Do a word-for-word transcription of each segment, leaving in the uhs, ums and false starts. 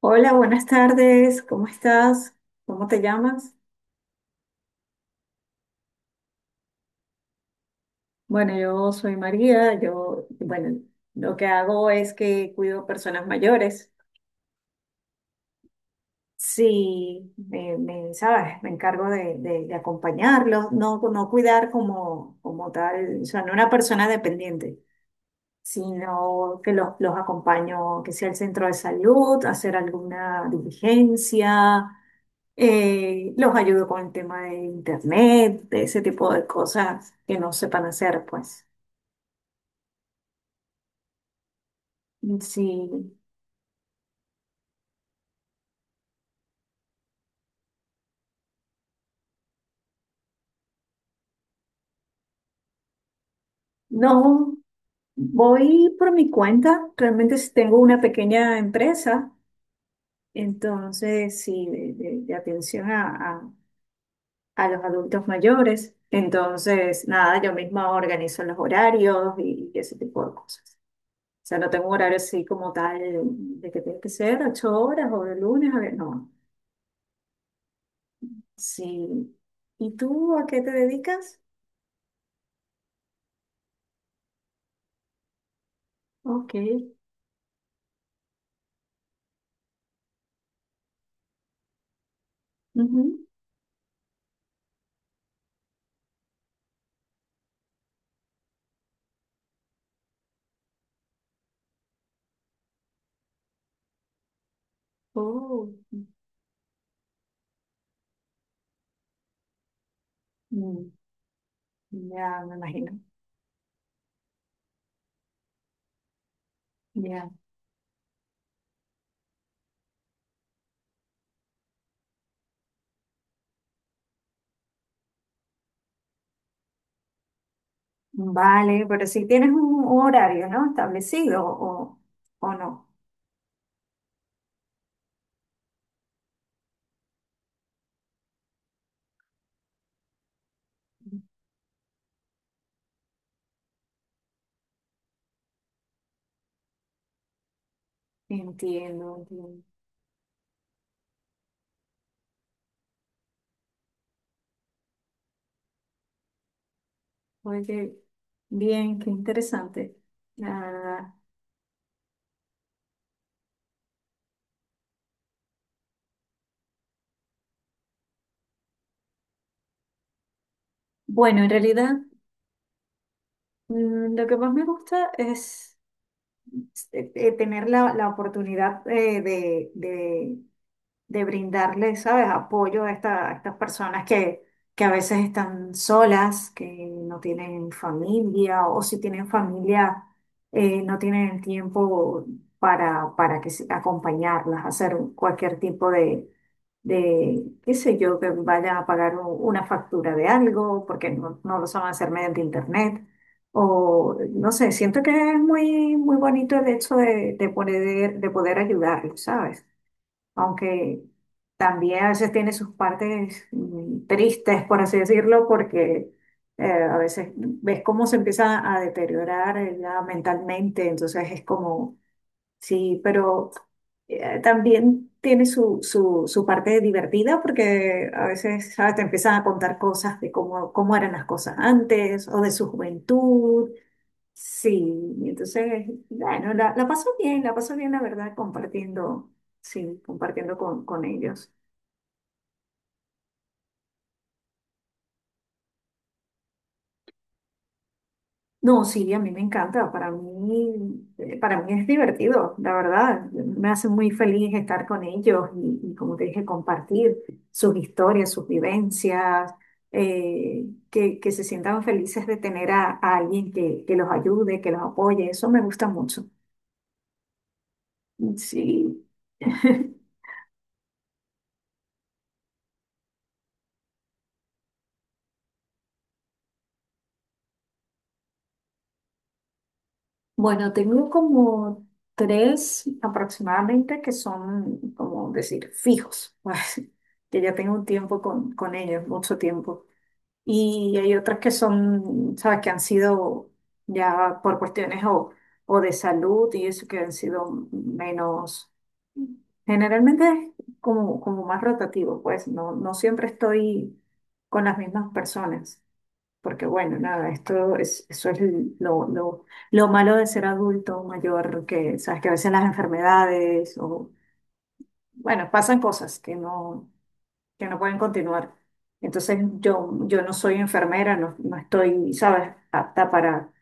Hola, buenas tardes, ¿cómo estás? ¿Cómo te llamas? Bueno, yo soy María, yo, bueno, lo que hago es que cuido personas mayores. Sí, me, me, ¿sabes? Me encargo de, de- de acompañarlos, no, no cuidar como, como tal, o sea, no una persona dependiente, sino que los, los acompaño, que sea el centro de salud, hacer alguna diligencia. Eh, los ayudo con el tema de internet, de ese tipo de cosas que no sepan hacer, pues. Sí, no, voy por mi cuenta. Realmente sí tengo una pequeña empresa, entonces sí, de, de- de atención a, a- a los adultos mayores. Entonces, nada, yo misma organizo los horarios y, y ese tipo de cosas. O sea, no tengo un horario así como tal de que tiene que ser ocho horas o de lunes a ver, no. Sí. ¿Y tú a qué te dedicas? Ok. Ujú. Oh. Mm, mm, ya, me imagino. Ya. Vale, pero si tienes un horario, ¿no? Establecido o, o no. Entiendo, entiendo. Oye, bien, qué interesante. Ah, bueno, en realidad, mm, lo que más me gusta es Eh, eh, tener la, la oportunidad eh, de, de de brindarle, ¿sabes?, apoyo a, esta- a estas personas que, que a veces están solas, que no tienen familia, o si tienen familia, eh, no tienen el tiempo para, para que, se- acompañarlas, hacer cualquier tipo de, de, qué sé yo, que vayan a pagar u- una factura de algo, porque no, no lo saben hacer mediante internet. O no sé, siento que es muy, muy bonito el hecho de, de poder, de poder ayudarlos, ¿sabes? Aunque también a veces tiene sus partes mm, tristes, por así decirlo, porque eh, a veces ves cómo se empieza a deteriorar ella mentalmente, entonces es como, sí, pero eh, también tiene su, su, su parte divertida porque a veces, ¿sabes?, te empiezan a contar cosas de cómo, cómo eran las cosas antes o de su juventud. Sí, y entonces, bueno, la, la paso bien, la paso bien, la verdad, compartiendo, sí, compartiendo con, con ellos. No, sí, a mí me encanta, para mí, eh, para mí es divertido, la verdad, me hace muy feliz estar con ellos y, y como te dije, compartir sus historias, sus vivencias, eh, que, que se sientan felices de tener a, a alguien que, que los ayude, que los apoye, eso me gusta mucho. Sí. Bueno, tengo como tres aproximadamente que son, como decir, fijos, pues, que ya tengo un tiempo con, con ellos, mucho tiempo. Y hay otras que son, sabes, que han sido ya por cuestiones o, o de salud y eso que han sido menos, generalmente es como, como más rotativo, pues no, no siempre estoy con las mismas personas. Porque bueno, nada, esto es, eso es lo, lo, lo malo de ser adulto mayor, que sabes que a veces las enfermedades o, bueno, pasan cosas que no, que no pueden continuar. Entonces yo, yo no soy enfermera, no, no estoy, sabes, apta para,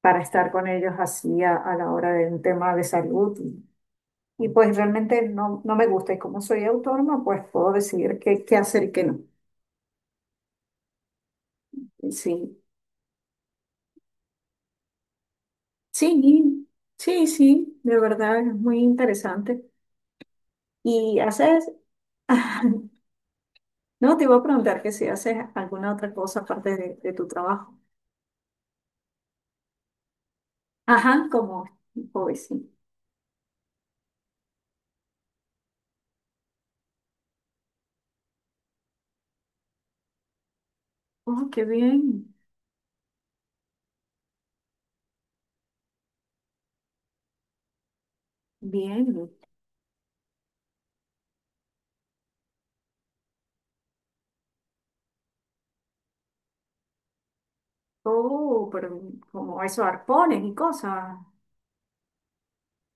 para estar con ellos así a, a la hora de un tema de salud. Y, y, pues realmente no, no me gusta. Y como soy autónoma, pues puedo decidir qué, qué hacer y qué no. Sí, sí, sí, sí, de verdad es muy interesante. Y haces, no, te iba a preguntar que si haces alguna otra cosa aparte de, de tu trabajo. Ajá, como hoy sí. Oh, qué bien, bien. Oh, pero como eso, arpones y cosas.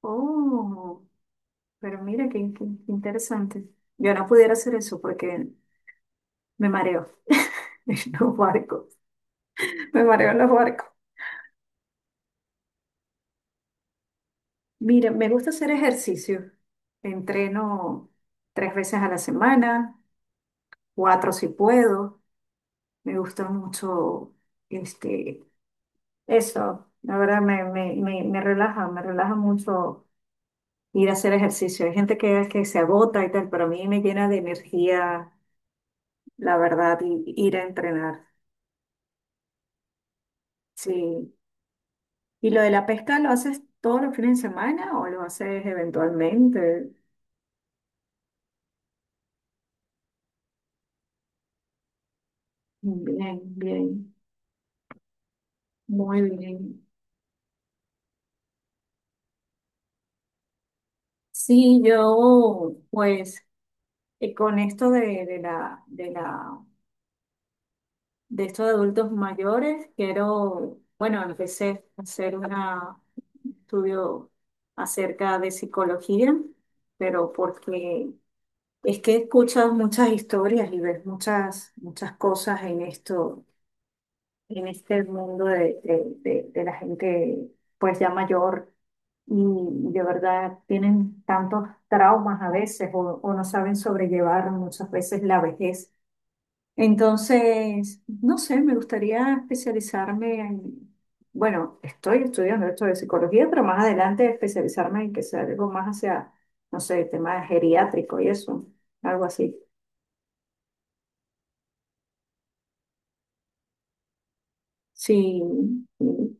Oh, pero mira qué, qué interesante. Yo no pudiera hacer eso porque me mareo en los barcos. Me mareo en los barcos. Mira, me gusta hacer ejercicio. Entreno tres veces a la semana, cuatro si puedo. Me gusta mucho este, eso. La verdad me, me, me, me relaja, me relaja mucho ir a hacer ejercicio. Hay gente que, que se agota y tal, pero a mí me llena de energía, la verdad, y, y ir a entrenar. Sí. ¿Y lo de la pesca lo haces todos los fines de semana o lo haces eventualmente? Bien, bien, muy bien. Sí, yo, pues, eh, con esto de, de la, de la de estos adultos mayores, quiero, bueno, empecé a hacer una- un estudio acerca de psicología, pero porque es que he escuchado muchas historias y ves muchas, muchas cosas en esto, en este mundo de, de- de- de la gente pues ya mayor y de verdad tienen tantos traumas a veces o, o no saben sobrellevar muchas veces la vejez. Entonces, no sé, me gustaría especializarme en, bueno, estoy estudiando esto de psicología, pero más adelante especializarme en que sea algo más hacia, no sé, tema geriátrico y eso, algo así. Sí, sí,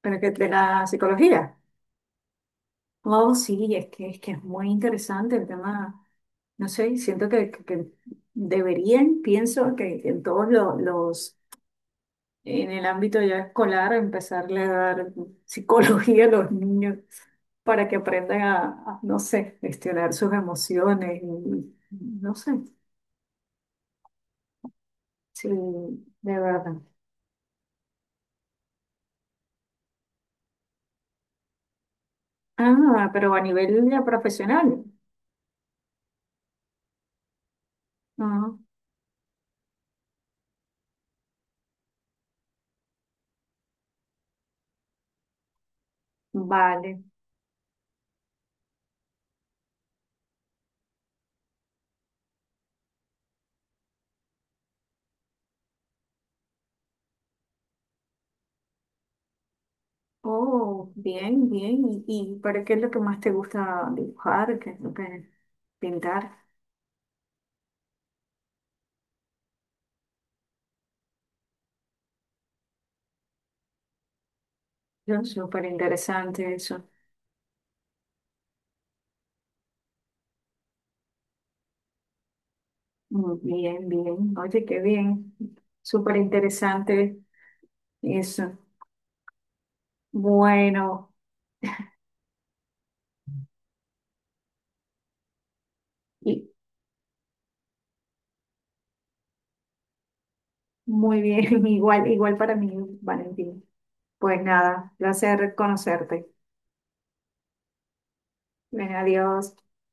pero que de la psicología. Oh, sí, es que, es que es muy interesante el tema, no sé, siento que, que- que deberían, pienso que en todos lo- los en el ámbito ya escolar, empezarle a dar psicología a los niños para que aprendan a, a, no sé, gestionar sus emociones, y- y no sé, sí, de verdad. Ah, pero a nivel ya profesional. Ah, vale. Oh, bien, bien. ¿Y, y para qué es lo que más te gusta dibujar? ¿Qué es lo que pintar? Yo, súper interesante eso. Mm, bien, bien. Oye, qué bien. Súper interesante eso. Bueno, y muy bien, igual, igual para mí, Valentín. Pues nada, placer conocerte. Ven, adiós.